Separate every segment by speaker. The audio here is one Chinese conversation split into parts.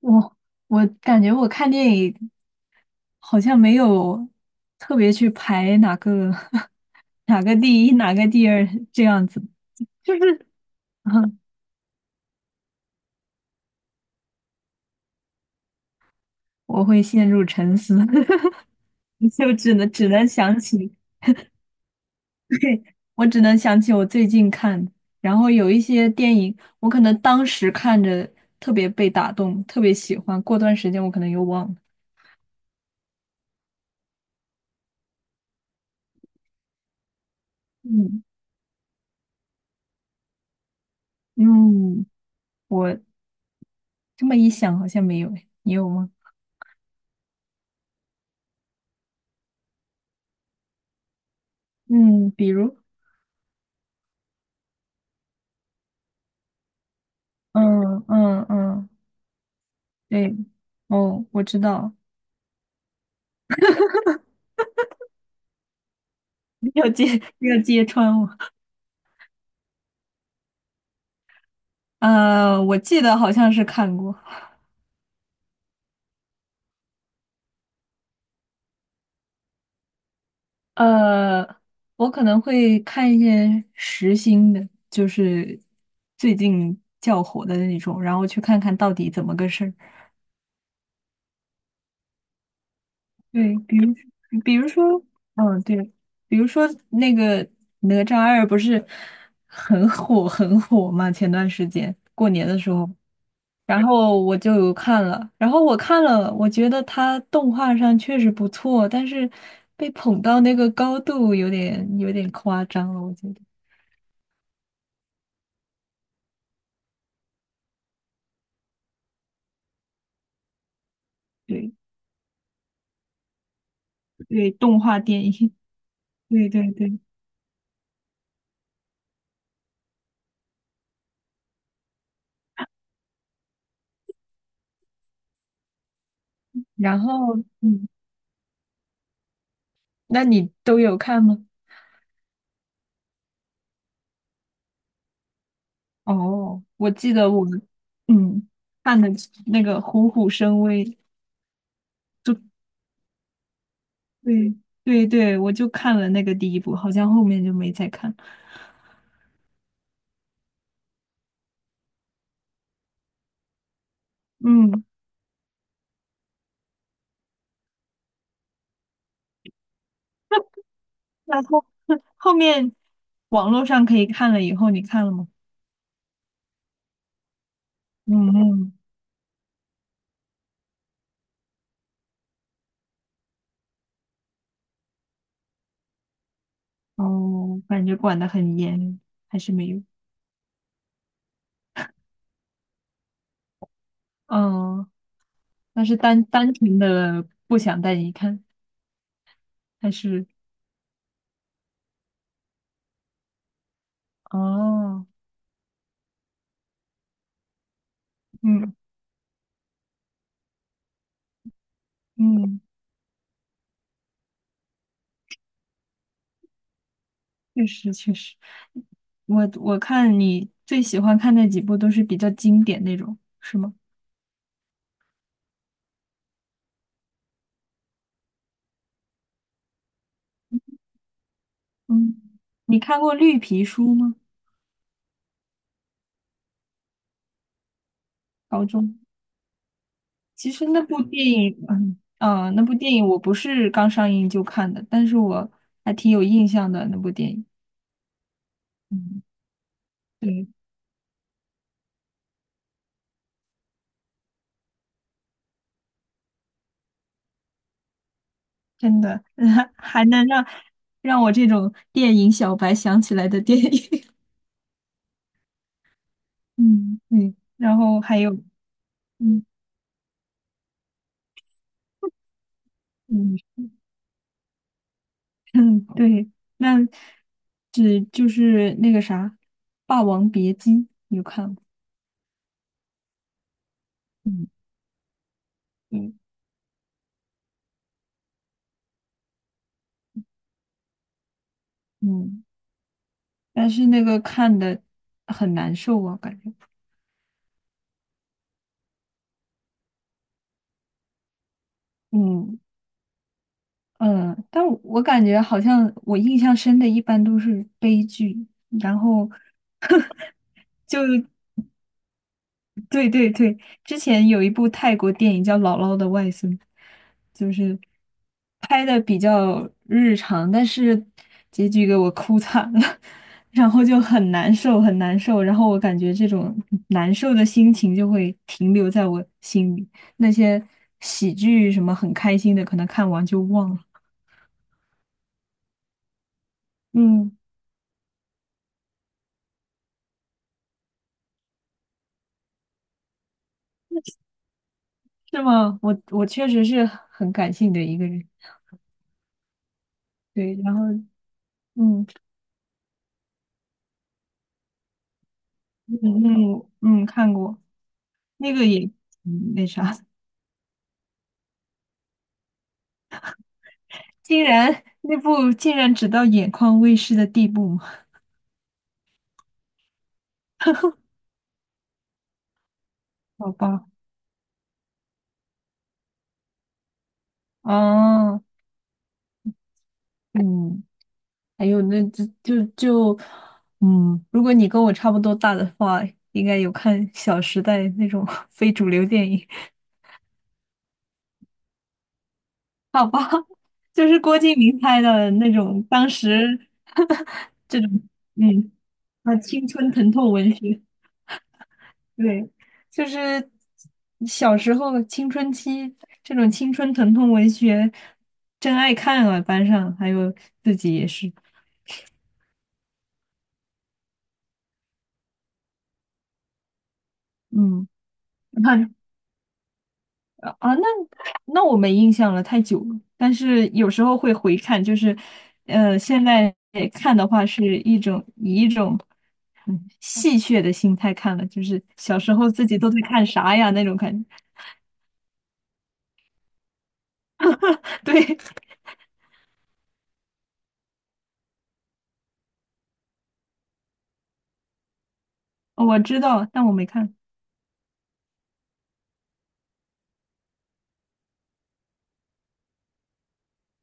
Speaker 1: 我我感觉我看电影好像没有特别去排哪个 哪个第一哪个第二这样子，就是 我会陷入沉思，就只能想起，对，我只能想起我最近看的，然后有一些电影我可能当时看着特别被打动，特别喜欢，过段时间我可能又忘了。嗯嗯，我这么一想好像没有诶，你有吗？嗯，比如。嗯嗯嗯，对，哦，我知道，没有揭没有揭穿我。我记得好像是看过。呃，我可能会看一些时兴的，就是最近较火的那种，然后去看看到底怎么个事儿。对，比如说，嗯，对，比如说那个哪吒二不是很火很火嘛？前段时间过年的时候。然后我就有看了，然后我看了，我觉得它动画上确实不错，但是被捧到那个高度有点夸张了，我觉得。对对，动画电影，对对对。然后，嗯，那你都有看吗？哦，我记得我，嗯，看的那个《虎虎生威》，就对对对，我就看了那个第一部，好像后面就没再看。嗯，那 后面网络上可以看了以后，你看了吗？嗯嗯，哦，感觉管得很严，还是没有。嗯，那是单纯的不想带你看，还是哦，嗯嗯，确实确实，我看你最喜欢看那几部都是比较经典那种，是吗？嗯，你看过《绿皮书》吗？高中。其实那部电影，嗯嗯，那部电影我不是刚上映就看的，但是我还挺有印象的那部电影。嗯，对，真的，还能让我这种电影小白想起来的电影。嗯，嗯，然后还有，嗯嗯嗯，对，那只就是那个啥，《霸王别姬》。嗯嗯嗯，但是那个看的很难受啊，感觉。嗯。嗯，但我感觉好像我印象深的一般都是悲剧，然后 就对对对，之前有一部泰国电影叫《姥姥的外孙》，就是拍的比较日常，但是结局给我哭惨了，然后就很难受很难受，然后我感觉这种难受的心情就会停留在我心里，那些喜剧什么很开心的，可能看完就忘了。嗯。是吗？我确实是很感性的一个人，对，然后嗯嗯嗯嗯，看过那个也嗯那啥，竟然那部竟然只到眼眶微湿的地步吗？好吧，哦，嗯，还有那就嗯，如果你跟我差不多大的话，应该有看《小时代》那种 非主流电影，好吧，就是郭敬明拍的那种，当时 这种。嗯。啊，青春疼痛文学，对，就是小时候青春期这种青春疼痛文学，真爱看啊，班上还有自己也是，嗯，看啊，啊那我没印象了，太久了。但是有时候会回看，就是现在看的话是以一种戏谑的心态看了，就是小时候自己都在看啥呀那种感觉。对，我知道，但我没看。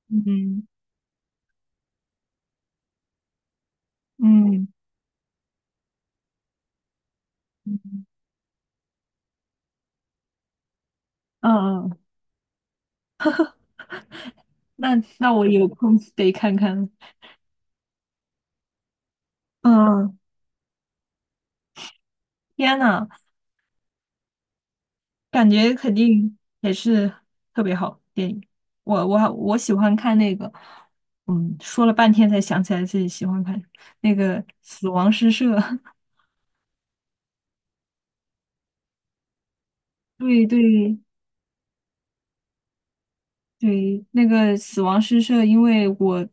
Speaker 1: 嗯。嗯嗯，嗯，那那我有空得看看。嗯，天呐，感觉肯定也是特别好电影。我喜欢看那个，嗯，说了半天才想起来自己喜欢看那个《死亡诗社》。对对对，那个《死亡诗社》，因为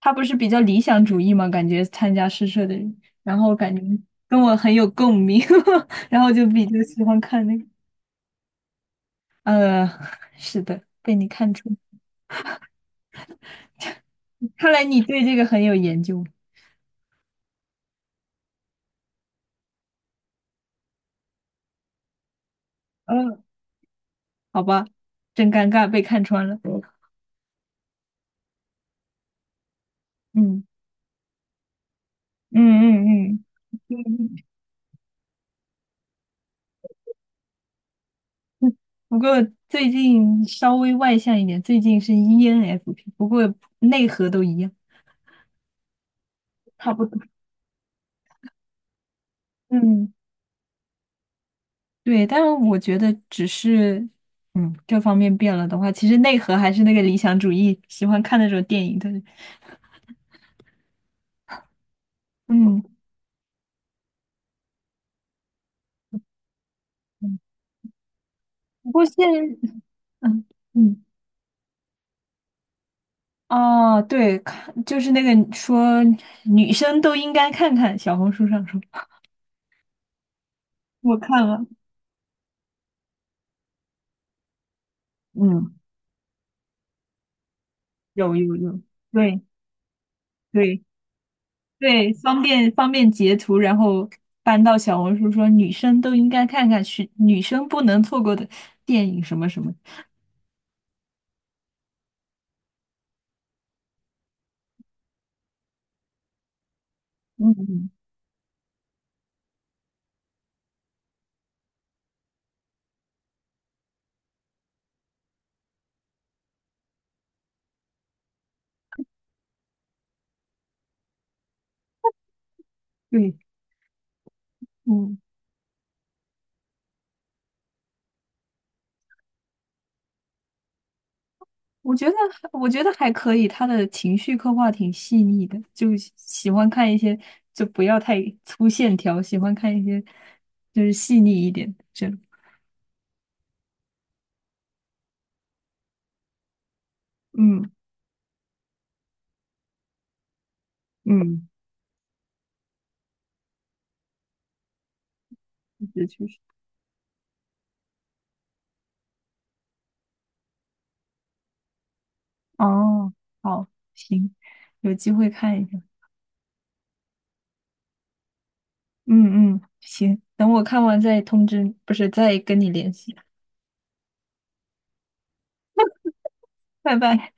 Speaker 1: 他不是比较理想主义嘛，感觉参加诗社的人，然后感觉跟我很有共鸣，然后就比较喜欢看那个。呃，是的，被你看穿，看来你对这个很有研究。嗯，好吧，真尴尬，被看穿了。嗯嗯嗯嗯。嗯不过最近稍微外向一点，最近是 ENFP，不过内核都一样，差不多。嗯，对，但是我觉得只是，嗯，这方面变了的话，其实内核还是那个理想主义，喜欢看那种电影的。嗯，嗯不过现，嗯嗯。哦，对，看就是那个说女生都应该看看小红书上说，我看了，嗯，有有有，对对对，方便截图，然后搬到小红书说女生都应该看看是女生不能错过的电影什么什么，嗯嗯，对，嗯，我觉得我觉得还可以，他的情绪刻画挺细腻的，就喜欢看一些就不要太粗线条，喜欢看一些就是细腻一点这种。嗯嗯，确实。哦，好，行，有机会看一下。嗯嗯，行，等我看完再通知你不是再跟你联系。拜拜。